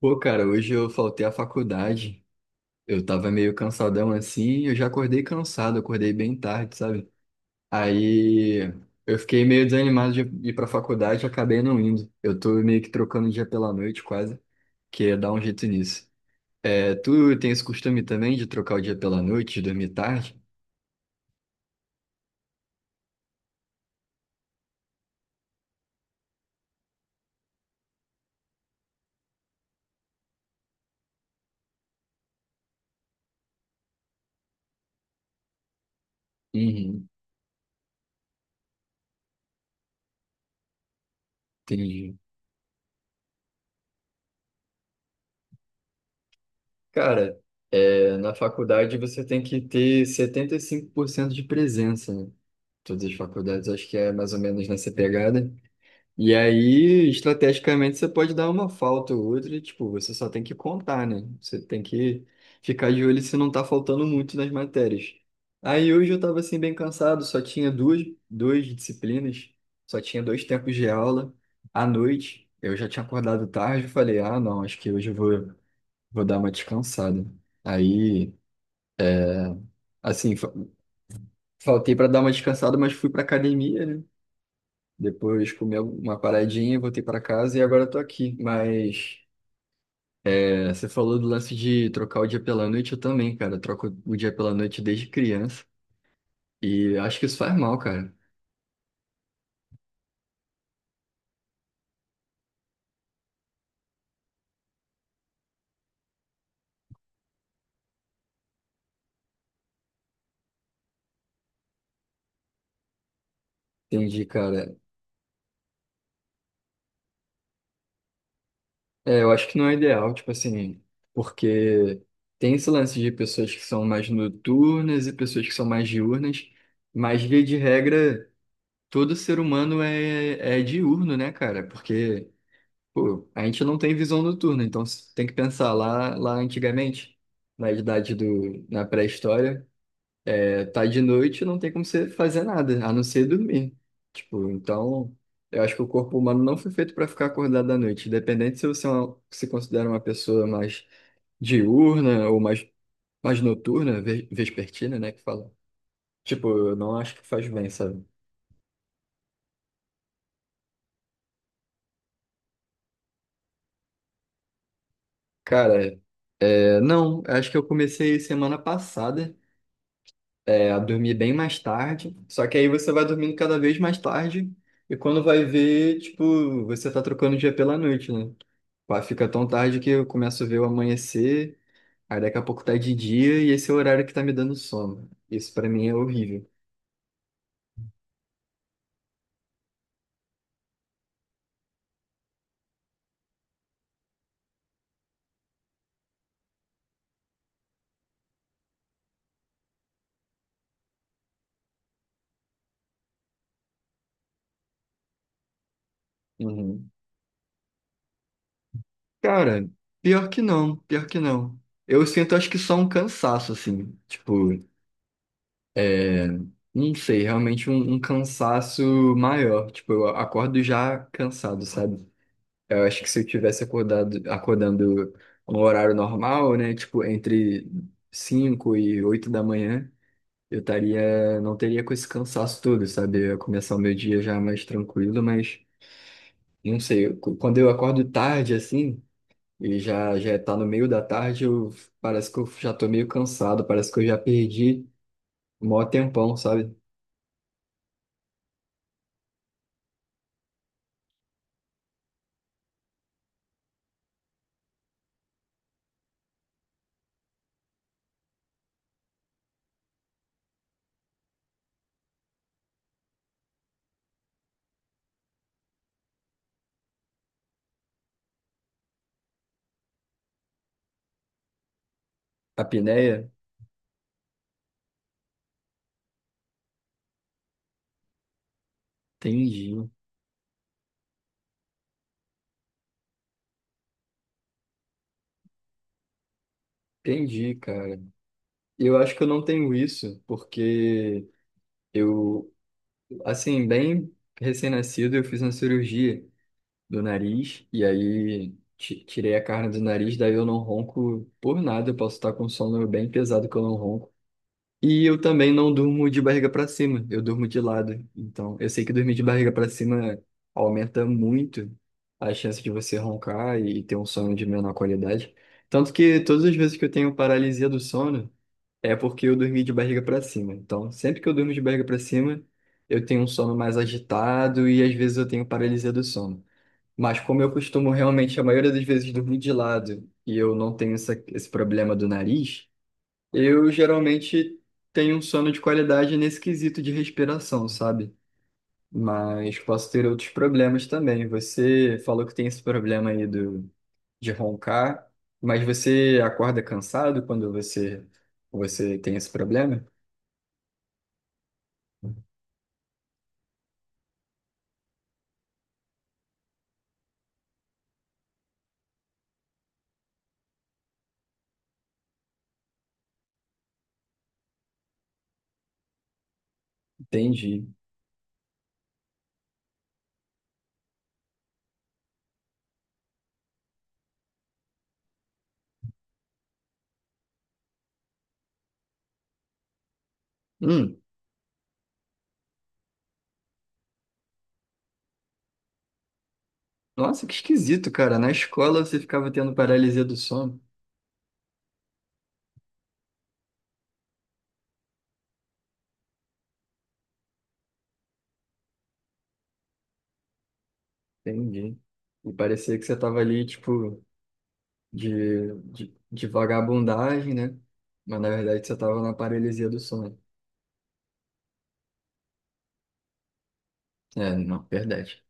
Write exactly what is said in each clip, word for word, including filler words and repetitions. Pô, cara, hoje eu faltei à faculdade. Eu tava meio cansadão assim, eu já acordei cansado, eu acordei bem tarde, sabe? Aí eu fiquei meio desanimado de ir pra faculdade e acabei não indo. Eu tô meio que trocando o dia pela noite quase, que ia dar um jeito nisso. É, tu tem esse costume também de trocar o dia pela noite, de dormir tarde? Uhum, entendi. Cara, é, na faculdade você tem que ter setenta e cinco por cento de presença, né? Todas as faculdades, acho que é mais ou menos nessa pegada. E aí, estrategicamente, você pode dar uma falta ou outra, e, tipo, você só tem que contar, né? Você tem que ficar de olho se não tá faltando muito nas matérias. Aí hoje eu tava assim bem cansado, só tinha duas, duas disciplinas, só tinha dois tempos de aula à noite. Eu já tinha acordado tarde, eu falei, ah, não, acho que hoje eu vou, vou dar uma descansada. Aí, assim, fa- faltei para dar uma descansada, mas fui pra academia, né? Depois comi uma paradinha, voltei para casa e agora eu tô aqui. Mas é, você falou do lance de trocar o dia pela noite, eu também, cara. Eu troco o dia pela noite desde criança. E acho que isso faz mal, cara. Entendi, cara. É, eu acho que não é ideal, tipo assim, porque tem esse lance de pessoas que são mais noturnas e pessoas que são mais diurnas, mas via de regra, todo ser humano é, é diurno, né, cara? Porque, pô, a gente não tem visão noturna, então s- tem que pensar lá, lá antigamente, na idade do, na pré-história. É, tá de noite, não tem como você fazer nada, a não ser dormir. Tipo, então, eu acho que o corpo humano não foi feito para ficar acordado à noite. Independente se você é uma- se considera uma pessoa mais diurna ou mais, mais noturna, ve- vespertina, né, que fala. Tipo, eu não acho que faz bem, sabe? Cara, é, não, acho que eu comecei semana passada é, a dormir bem mais tarde. Só que aí você vai dormindo cada vez mais tarde e quando vai ver, tipo, você tá trocando o dia pela noite, né? Pá, fica tão tarde que eu começo a ver o amanhecer, aí daqui a pouco tá de dia e esse é o horário que tá me dando sono. Isso pra mim é horrível. Uhum. Cara, pior que não, pior que não. Eu sinto, acho que só um cansaço, assim. Tipo, é, não sei, realmente um, um cansaço maior. Tipo, eu acordo já cansado, sabe? Eu acho que se eu tivesse acordado, acordando no horário normal, né, tipo entre cinco e oito da manhã, eu estaria, não teria com esse cansaço todo, sabe? Eu ia começar o meu dia já mais tranquilo, mas não sei, eu- quando eu acordo tarde assim, e já já tá no meio da tarde, eu parece que eu já tô meio cansado, parece que eu já perdi o maior tempão, sabe? Apneia? Entendi, entendi, cara. Eu acho que eu não tenho isso, porque eu, assim, bem recém-nascido, eu fiz uma cirurgia do nariz e aí ti- tirei a carne do nariz, daí eu não ronco por nada, eu posso estar com um sono bem pesado que eu não ronco. E eu também não durmo de barriga para cima, eu durmo de lado. Então, eu sei que dormir de barriga para cima aumenta muito a chance de você roncar e ter um sono de menor qualidade. Tanto que todas as vezes que eu tenho paralisia do sono, é porque eu dormi de barriga para cima. Então, sempre que eu durmo de barriga para cima, eu tenho um sono mais agitado e às vezes eu tenho paralisia do sono. Mas como eu costumo realmente, a maioria das vezes, dormir de lado e eu não tenho essa, esse problema do nariz, eu geralmente tenho um sono de qualidade nesse quesito de respiração, sabe? Mas posso ter outros problemas também. Você falou que tem esse problema aí do, de roncar, mas você acorda cansado quando você, você tem esse problema? Entendi. Hum. Nossa, que esquisito, cara. Na escola você ficava tendo paralisia do sono. Entendi. E parecia que você tava ali, tipo, de, de, de vagabundagem, né? Mas na verdade você tava na paralisia do sono. É, não, verdade.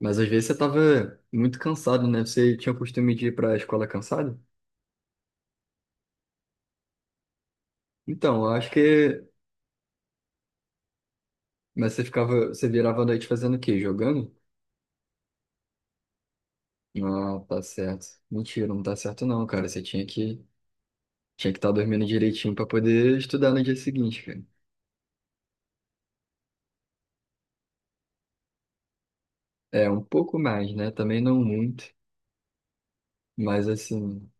Mas às vezes você tava muito cansado, né? Você tinha o costume de ir pra escola cansado? Então, eu acho que. Mas você ficava. Você virava a noite fazendo o quê? Jogando? Não, tá certo. Mentira, não tá certo não, cara. Você tinha que tinha que estar dormindo direitinho para poder estudar no dia seguinte, cara. É, um pouco mais, né? Também não muito, mas assim,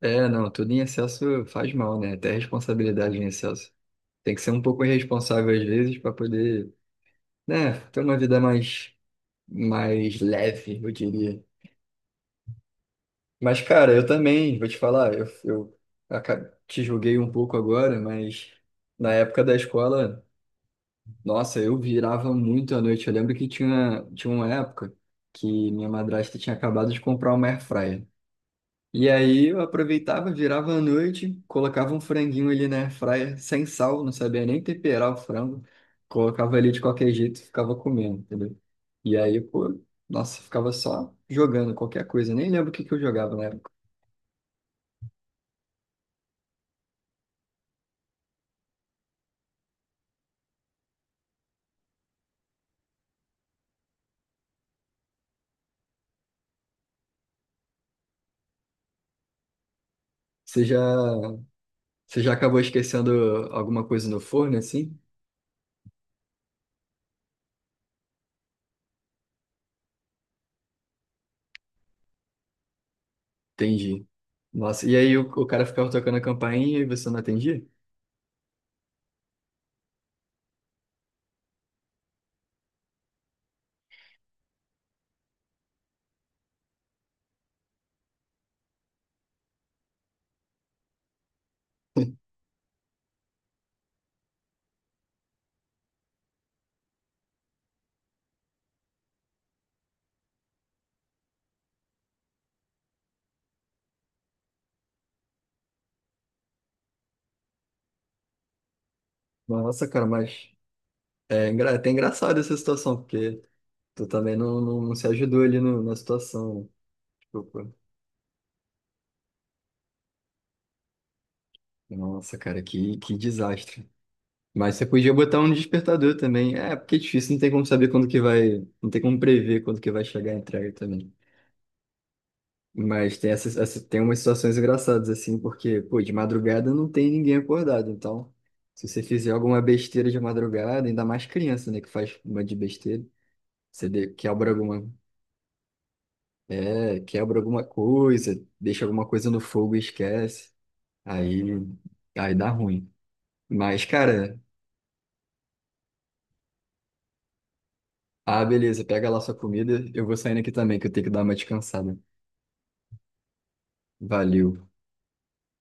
é, não, tudo em excesso faz mal, né? Até responsabilidade em excesso. Tem que ser um pouco irresponsável às vezes para poder, né, ter uma vida mais mais leve, eu diria. Mas cara, eu também, vou te falar, eu, eu aca- te julguei um pouco agora, mas na época da escola, nossa, eu virava muito à noite. Eu lembro que tinha, tinha uma época que minha madrasta tinha acabado de comprar uma air fryer. E aí eu aproveitava, virava à noite, colocava um franguinho ali na air fryer, sem sal, não sabia nem temperar o frango. Colocava ali de qualquer jeito, e ficava comendo, entendeu? E aí, pô, nossa, ficava só jogando qualquer coisa. Nem lembro o que que eu jogava na época. Você já, você já acabou esquecendo alguma coisa no forno, assim? Entendi. Nossa, e aí o, o cara ficava tocando a campainha e você não atendia? Nossa, cara, mas é engra- é até engraçado essa situação, porque tu também não, não, não se ajudou ali no- na situação. Tipo, pô, nossa, cara, que, que desastre. Mas você podia botar um despertador também. É, porque é difícil, não tem como saber quando que vai. Não tem como prever quando que vai chegar a entrega também. Mas tem essas, essa- tem umas situações engraçadas, assim, porque, pô, de madrugada não tem ninguém acordado. Então, se você fizer alguma besteira de madrugada, ainda mais criança, né, que faz uma de besteira, você de- quebra alguma, é, quebra alguma coisa, deixa alguma coisa no fogo e esquece. Aí, aí dá ruim. Mas, cara, ah, beleza, pega lá sua comida, eu vou saindo aqui também, que eu tenho que dar uma descansada. Valeu.